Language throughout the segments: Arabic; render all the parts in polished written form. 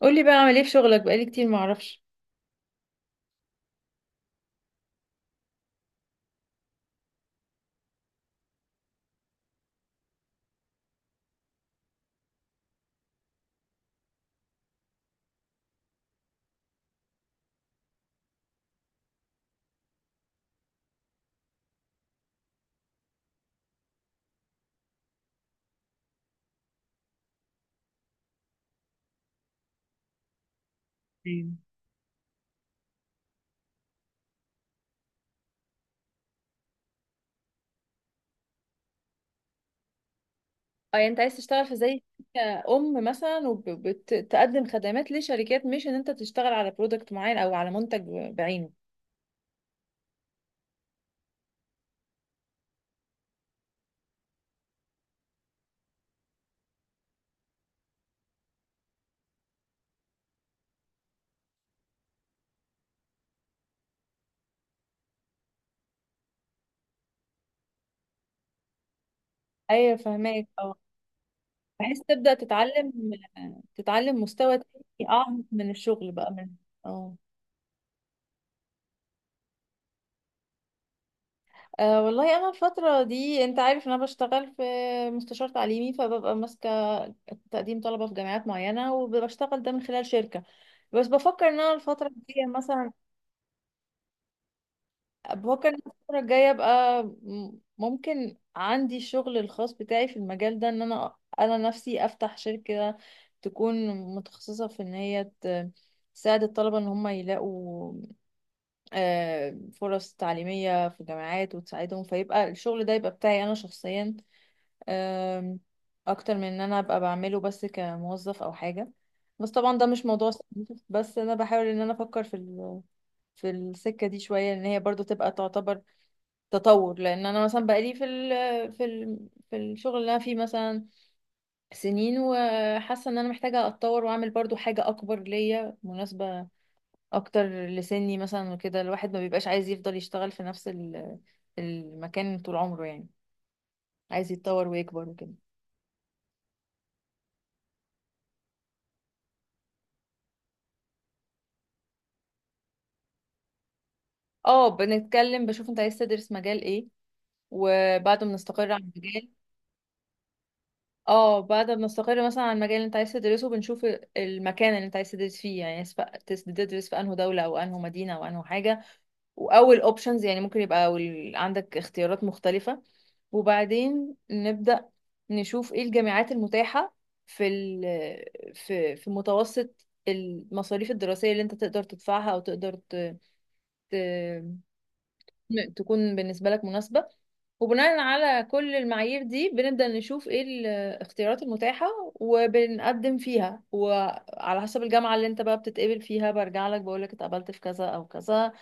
قولي بقى اعمل ايه في شغلك بقالي كتير معرفش. أيوة. اه يعني انت عايز تشتغل في زي شركة ام مثلا وبتقدم خدمات لشركات مش ان انت تشتغل على برودكت معين او على منتج بعينه. ايوه فهماك اه. بحيث تبدأ تتعلم مستوى تاني اعمق من الشغل بقى من اه. والله انا الفترة دي انت عارف ان انا بشتغل في مستشار تعليمي فببقى ماسكة تقديم طلبة في جامعات معينة وبشتغل ده من خلال شركة. بس بفكر ان انا الفترة الجاية مثلا، بفكر إن الفترة الجاية ابقى ممكن عندي الشغل الخاص بتاعي في المجال ده ان انا نفسي افتح شركة تكون متخصصة في ان هي تساعد الطلبة ان هم يلاقوا فرص تعليمية في الجامعات وتساعدهم، فيبقى الشغل ده يبقى بتاعي انا شخصيا، آم، اكتر من ان انا ابقى بعمله بس كموظف او حاجة. بس طبعا ده مش موضوع سخيف، بس انا بحاول ان انا افكر في في السكة دي شوية، ان هي برضو تبقى تعتبر تطور، لان انا مثلا بقالي في ال في الشغل اللي انا فيه مثلا سنين، وحاسه ان انا محتاجه اتطور واعمل برضو حاجه اكبر ليا مناسبه اكتر لسني مثلا، وكده الواحد ما بيبقاش عايز يفضل يشتغل في نفس المكان طول عمره يعني، عايز يتطور ويكبر وكده. اه بنتكلم بشوف انت عايز تدرس مجال ايه، وبعد ما نستقر على المجال. اه بعد ما نستقر مثلا على المجال اللي انت عايز تدرسه، بنشوف المكان اللي انت عايز تدرس فيه يعني، سواء تدرس في انهي دولة او انهي مدينة او انهي حاجة، واول اوبشنز يعني ممكن يبقى عندك اختيارات مختلفة. وبعدين نبدأ نشوف ايه الجامعات المتاحة في ال في في متوسط المصاريف الدراسية اللي انت تقدر تدفعها او تقدر ت- تكون بالنسبة لك مناسبة. وبناء على كل المعايير دي بنبدأ نشوف ايه الاختيارات المتاحة وبنقدم فيها، وعلى حسب الجامعة اللي انت بقى بتتقبل فيها برجع لك بقول لك اتقبلت في كذا او كذا.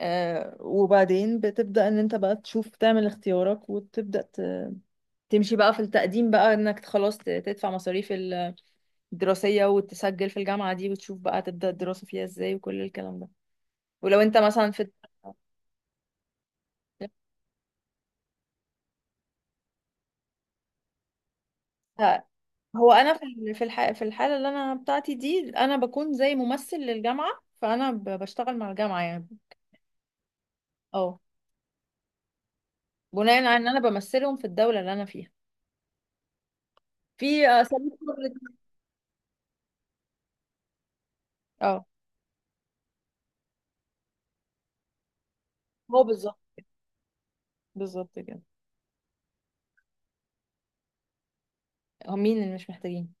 وبعدين بتبدأ ان انت بقى تشوف تعمل اختيارك، وتبدأ تمشي بقى في التقديم بقى انك خلاص تدفع مصاريف الدراسية وتسجل في الجامعة دي، وتشوف بقى تبدأ الدراسة فيها ازاي وكل الكلام ده. ولو انت مثلا في، هو انا في الحاله اللي انا بتاعتي دي انا بكون زي ممثل للجامعه، فانا بشتغل مع الجامعه يعني. اه بناء على ان انا بمثلهم في الدوله اللي انا فيها في اساليب شغل. اه هو بالظبط بالظبط كده. هو مين اللي مش محتاجين؟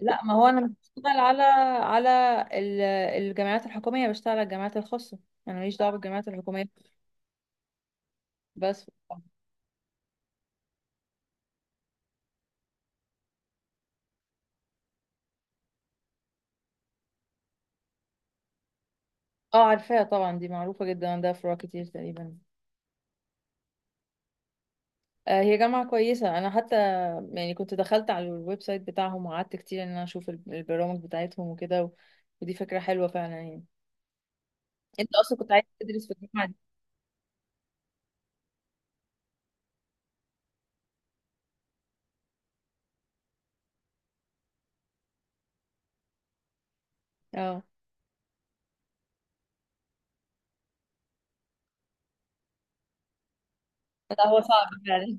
لا ما هو انا مش بشتغل على، على ال- الجامعات الحكوميه، بشتغل على الجامعات الخاصه، انا ماليش دعوه بالجامعات الحكوميه بس. اه عارفاها طبعا دي معروفه جدا عندها فروع كتير تقريبا. هي جامعة كويسة، أنا حتى يعني كنت دخلت على الويب سايت بتاعهم وقعدت كتير إن أنا أشوف البرامج بتاعتهم وكده، و... ودي فكرة حلوة فعلا يعني. أنت أصلا كنت عايز تدرس في الجامعة دي؟ اه لا هو صعب فعلا،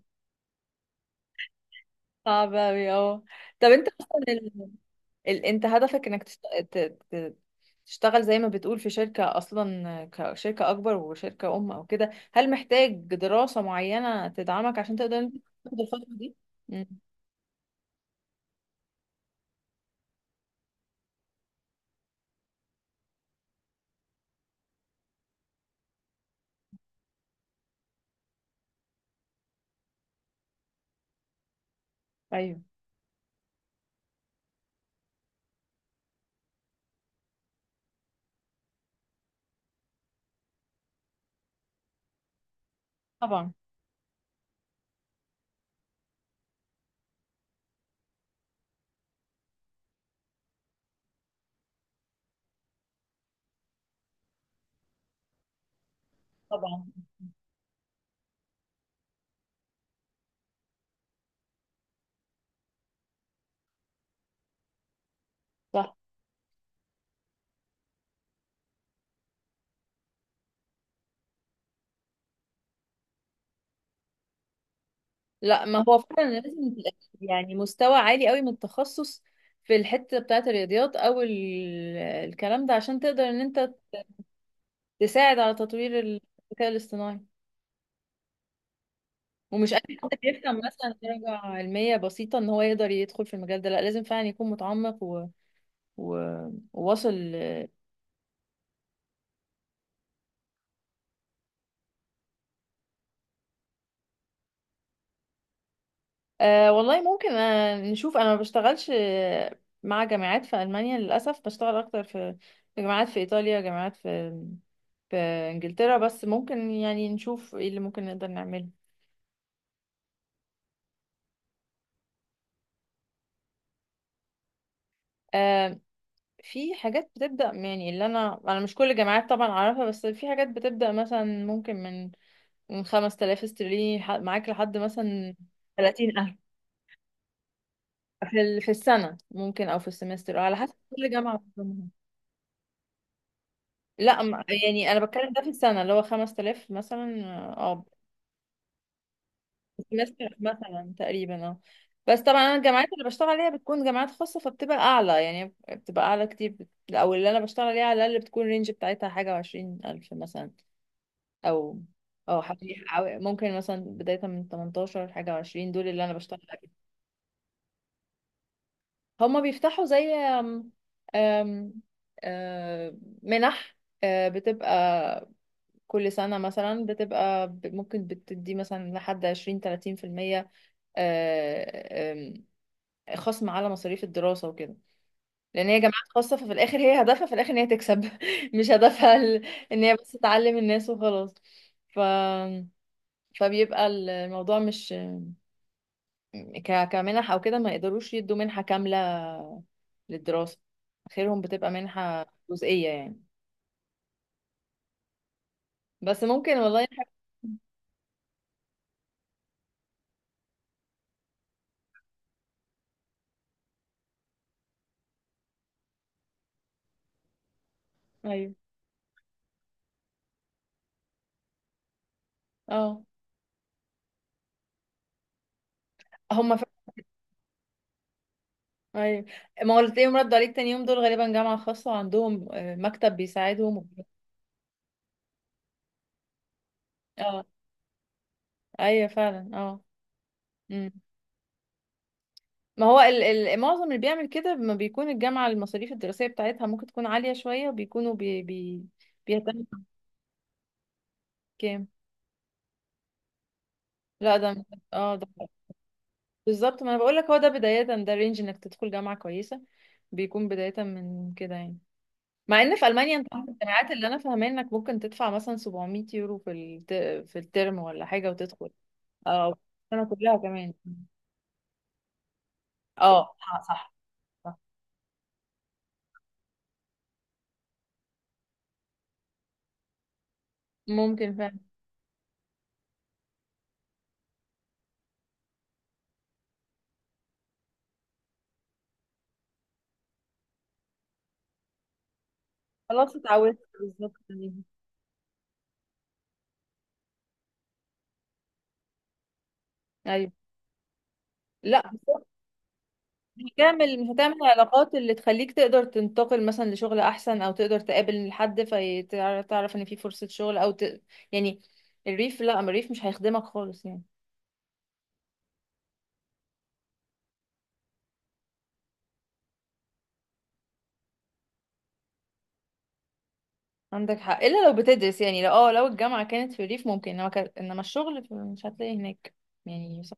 صعب أوي اه. طب أنت أصلا أنت هدفك إنك ت... ت... تشتغل زي ما بتقول في شركة أصلا، كشركة أكبر وشركة أم أو كده، هل محتاج دراسة معينة تدعمك عشان تقدر إن أنت تاخد الخطوة دي؟ مم. أيوه طبعا طبعا صح. لا ما هو فعلا لازم يبقى يعني مستوى عالي قوي من التخصص في الحتة بتاعة الرياضيات او الكلام ده عشان تقدر ان انت تساعد على تطوير الذكاء الاصطناعي. ومش اي حد بيفهم مثلا درجة علمية بسيطة ان هو يقدر يدخل في المجال ده، لا لازم فعلا يكون متعمق و... وواصل. والله ممكن، نشوف. انا ما بشتغلش مع جامعات في ألمانيا للأسف، بشتغل اكتر في، جامعات في إيطاليا، جامعات في، في انجلترا، بس ممكن يعني نشوف ايه اللي ممكن نقدر نعمله. آه في حاجات بتبدأ، يعني اللي انا مش كل الجامعات طبعا اعرفها، بس في حاجات بتبدأ مثلا ممكن من 5000 استرليني معاك لحد مثلا 30,000 في السنة، ممكن او في السمستر على حسب كل جامعة بتنظمها. لا يعني انا بتكلم ده في السنة، اللي هو 5000 مثلا. اه سمستر مثلا تقريبا اه. بس طبعا انا الجامعات اللي بشتغل عليها بتكون جامعات خاصه، فبتبقى اعلى يعني، بتبقى اعلى كتير او اللي انا بشتغل عليها على الاقل بتكون الرينج بتاعتها حاجه وعشرين الف مثلا، او، او حوالي ممكن مثلا بدايه من 18 لحاجه وعشرين، دول اللي انا بشتغل عليهم. هما بيفتحوا زي أم أم آه، منح، بتبقى كل سنة مثلا، بتبقى ممكن بتدي مثلا لحد عشرين تلاتين في المية خصم على مصاريف الدراسة وكده. لأن هي جامعات خاصة، ففي الآخر هي هدفها في الآخر إن هي تكسب مش هدفها إن هي بس تعلم الناس وخلاص. ف فبيبقى الموضوع مش كمنح أو كده، ما يقدروش يدوا منحة كاملة للدراسة، آخرهم بتبقى منحة جزئية يعني. بس ممكن والله حاجة. أيوه اه. هما ف... أيوه، ما هو اللي تلاقيهم ردوا عليك تاني يوم دول غالبا جامعة خاصة وعندهم مكتب بيساعدهم. اه أيوه فعلا اه. إمم. ما هو معظم اللي بيعمل كده ما بيكون الجامعة المصاريف الدراسية بتاعتها ممكن تكون عالية شوية، وبيكونوا بي بي بيهتموا. كام؟ لا ده، اه ده بالظبط، ما انا بقول لك هو ده بداية، ده رينج انك تدخل جامعة كويسة بيكون بداية من كده يعني. مع ان في المانيا انت عارف الجامعات اللي انا فاهماه انك ممكن تدفع مثلا 700 يورو في الترم ولا حاجة وتدخل. اه السنة كلها كمان. اه صح صح، ممكن فعلا. خلاص اتعودت بالظبط. ايوه. لا مش هتعمل، العلاقات اللي تخليك تقدر تنتقل مثلا لشغل احسن، او تقدر تقابل حد فتعرف ان في فرصة شغل او يعني الريف لا، اما الريف مش هيخدمك خالص يعني. عندك حق الا لو بتدرس، يعني لو لو الجامعة كانت في الريف ممكن، انما انما الشغل مش هتلاقي هناك يعني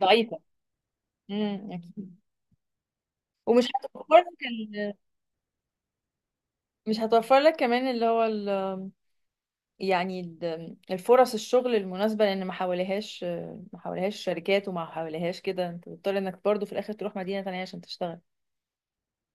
ضعيفة. اكيد. ومش هتوفر لك مش هتوفر لك كمان اللي هو يعني الفرص الشغل المناسبة، لأن ما حواليهاش، ما حواليهاش شركات، وما حواليهاش كده أنت بتضطر إنك برضو في الآخر تروح مدينة تانية عشان تشتغل.